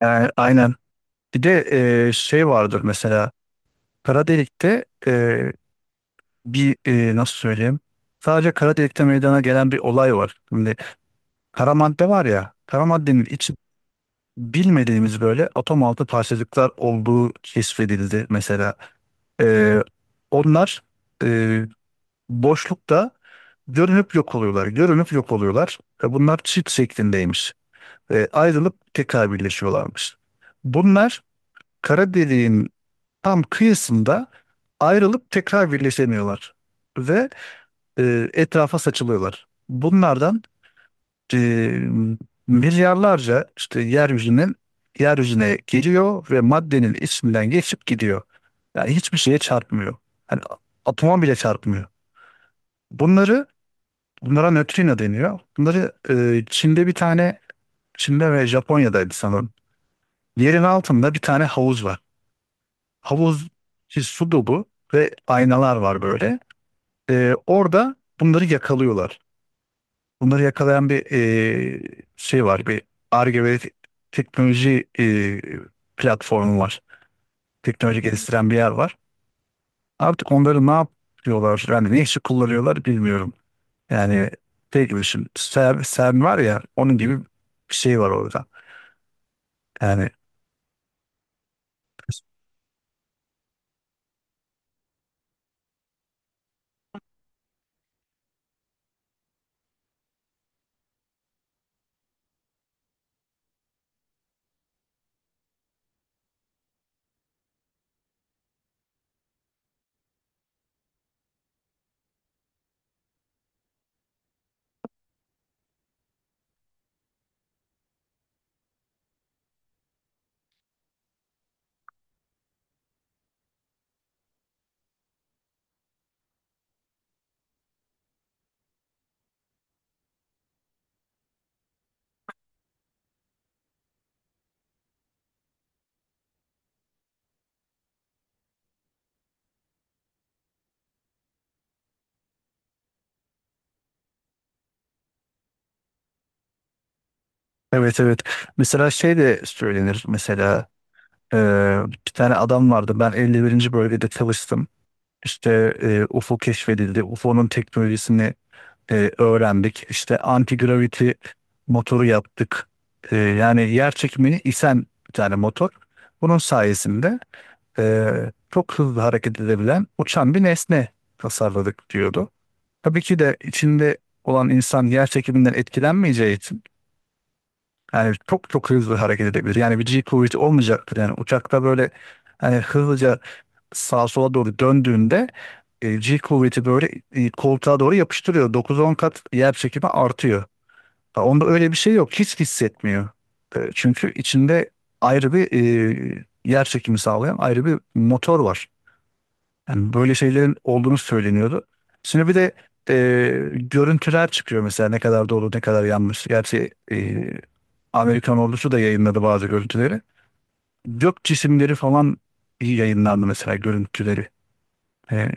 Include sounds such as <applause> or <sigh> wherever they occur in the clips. Yani aynen. Bir de şey vardır mesela kara delikte bir nasıl söyleyeyim? Sadece kara delikte meydana gelen bir olay var. Şimdi kara madde var ya, kara maddenin içi bilmediğimiz böyle atom altı parçacıklar olduğu keşfedildi mesela. E, onlar e, boşlukta görünüp yok oluyorlar, görünüp yok oluyorlar. Bunlar çift şeklindeymiş. Ayrılıp tekrar birleşiyorlarmış. Bunlar kara deliğin tam kıyısında ayrılıp tekrar birleşemiyorlar ve etrafa saçılıyorlar. Bunlardan e, milyarlarca işte yeryüzüne geliyor ve maddenin isminden geçip gidiyor. Yani hiçbir şeye çarpmıyor. Hani atoma bile çarpmıyor. Bunları bunlara nötrino deniyor. Bunları Çin'de bir tane Çin'de ve Japonya'daydı sanırım. Yerin altında bir tane havuz var. Havuz işte su dolu ve aynalar var böyle. Orada bunları yakalıyorlar. Bunları yakalayan bir şey var. Bir Ar-Ge ve teknoloji platformu var. Teknoloji geliştiren bir yer var. Artık onları ne yapıyorlar? Yani ne işi kullanıyorlar bilmiyorum. Yani şey gibi düşün. Sen, var ya onun gibi bir şey var orada. Yani evet, evet. Mesela şey de söylenir mesela e, bir tane adam vardı, ben 51. bölgede çalıştım. İşte UFO keşfedildi. UFO'nun teknolojisini öğrendik. İşte anti-gravity motoru yaptık. Yani yer çekimini isen bir tane motor. Bunun sayesinde e, çok hızlı hareket edebilen uçan bir nesne tasarladık diyordu. Tabii ki de içinde olan insan yer çekiminden etkilenmeyeceği için yani çok çok hızlı hareket edebilir. Yani bir G kuvveti olmayacaktır. Yani uçakta böyle hani hızlıca sağa sola doğru döndüğünde G kuvveti böyle koltuğa doğru yapıştırıyor. Dokuz on kat yer çekimi artıyor. Ha, onda öyle bir şey yok. Hiç hissetmiyor. Çünkü içinde ayrı bir yer çekimi sağlayan ayrı bir motor var. Yani böyle şeylerin olduğunu söyleniyordu. Şimdi bir de e, görüntüler çıkıyor mesela ne kadar doğru ne kadar yanlış. Gerçi Amerikan ordusu da yayınladı bazı görüntüleri. Gök cisimleri falan iyi yayınlandı mesela görüntüleri. E,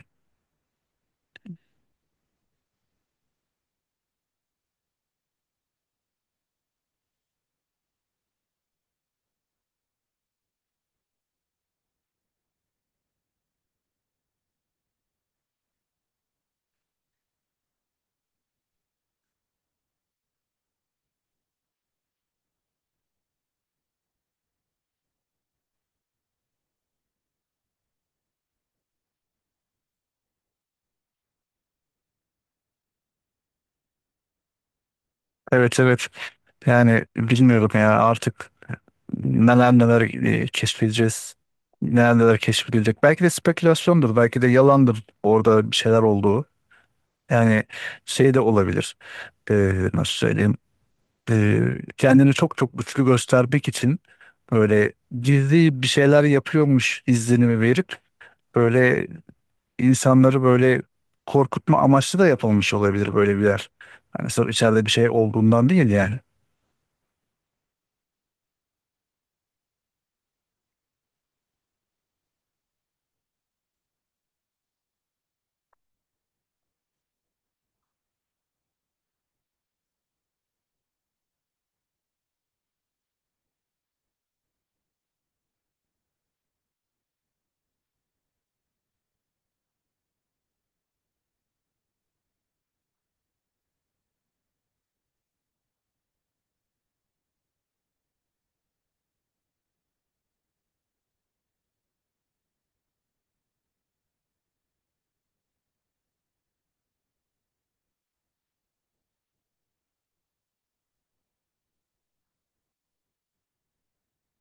evet, evet, yani bilmiyorum ya artık neler neler keşfedeceğiz. Neler neler keşfedilecek. Belki de spekülasyondur. Belki de yalandır orada bir şeyler olduğu. Yani şey de olabilir. E, nasıl söyleyeyim? e, Kendini çok çok güçlü göstermek için böyle gizli bir şeyler yapıyormuş izlenimi verip böyle insanları böyle korkutma amaçlı da yapılmış olabilir böyle bir yer. Hani sırf içeride bir şey olduğundan değil yani.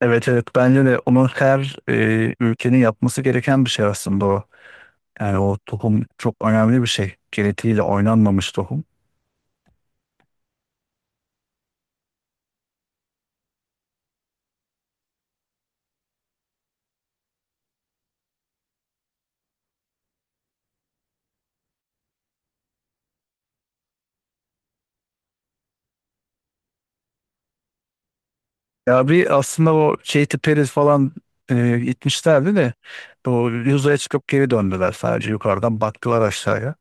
Evet, evet, bence de onun her ülkenin yapması gereken bir şey aslında o. Yani o tohum çok önemli bir şey. Genetiğiyle oynanmamış tohum. Ya bir aslında o Katy Perry falan gitmişlerdi de o yüzeye çıkıp geri döndüler, sadece yukarıdan baktılar aşağıya.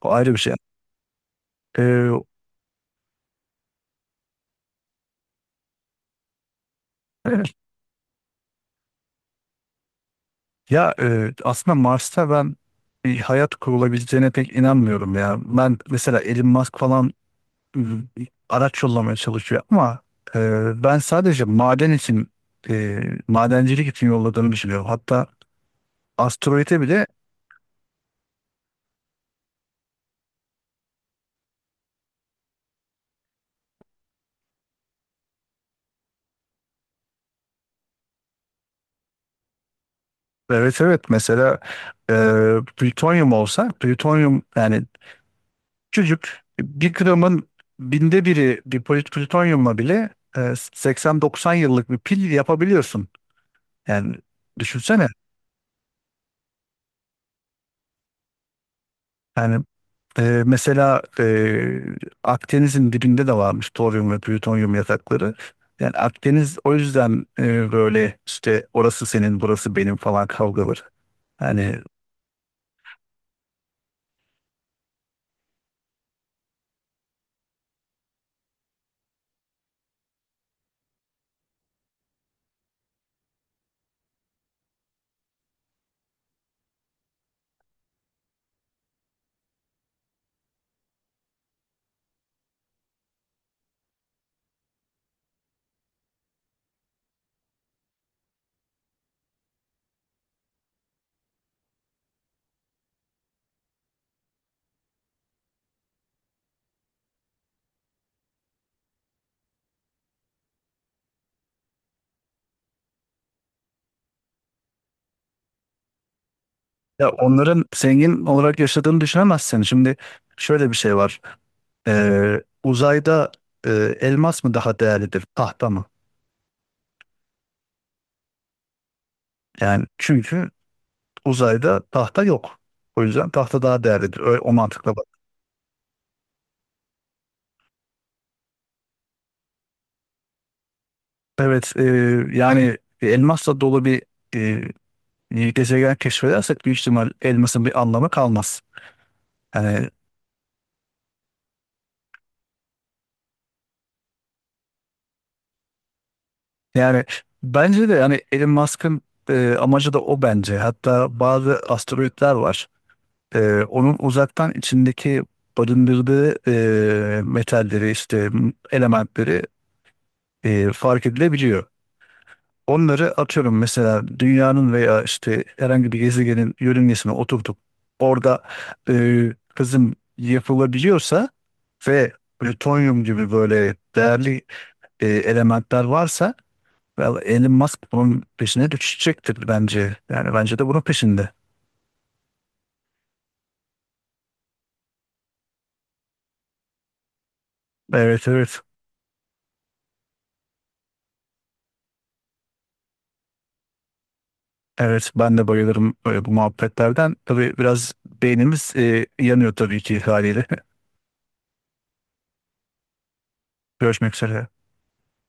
O ayrı bir şey. E, evet. Ya aslında Mars'ta ben bir hayat kurulabileceğine pek inanmıyorum ya. Ben mesela Elon Musk falan e, araç yollamaya çalışıyor ama ben sadece maden için e, madencilik için yolladığını düşünüyorum. Hatta asteroide bile evet, evet, mesela e, plütonyum olsa plütonyum. Yani küçücük bir gramın binde biri bir plütonyumla bile 80-90 yıllık bir pil yapabiliyorsun. Yani düşünsene. Yani mesela Akdeniz'in dibinde de varmış toryum ve plütonyum yatakları. Yani Akdeniz o yüzden böyle işte orası senin burası benim falan kavgaları. Yani ya onların zengin olarak yaşadığını düşünemezsin. Şimdi şöyle bir şey var. Uzayda e, elmas mı daha değerlidir tahta mı? Yani çünkü uzayda tahta yok. O yüzden tahta daha değerlidir. Öyle, o mantıkla bak. Evet, yani elmasla dolu bir gezegen keşfedersek büyük ihtimal elmasın bir anlamı kalmaz. Yani yani bence de yani Elon Musk'ın amacı da o bence. Hatta bazı asteroidler var. Onun uzaktan içindeki barındırdığı metalleri işte elementleri fark edilebiliyor. Onları atıyorum mesela dünyanın veya işte herhangi bir gezegenin yörüngesine oturtup orada e, kızım yapılabiliyorsa ve plütonyum gibi böyle değerli elementler varsa well, Elon Musk bunun peşine düşecektir bence. Yani bence de bunun peşinde. Evet, evet. Evet, ben de bayılırım böyle bu muhabbetlerden. Tabii biraz beynimiz yanıyor tabii ki haliyle. <laughs> Görüşmek üzere.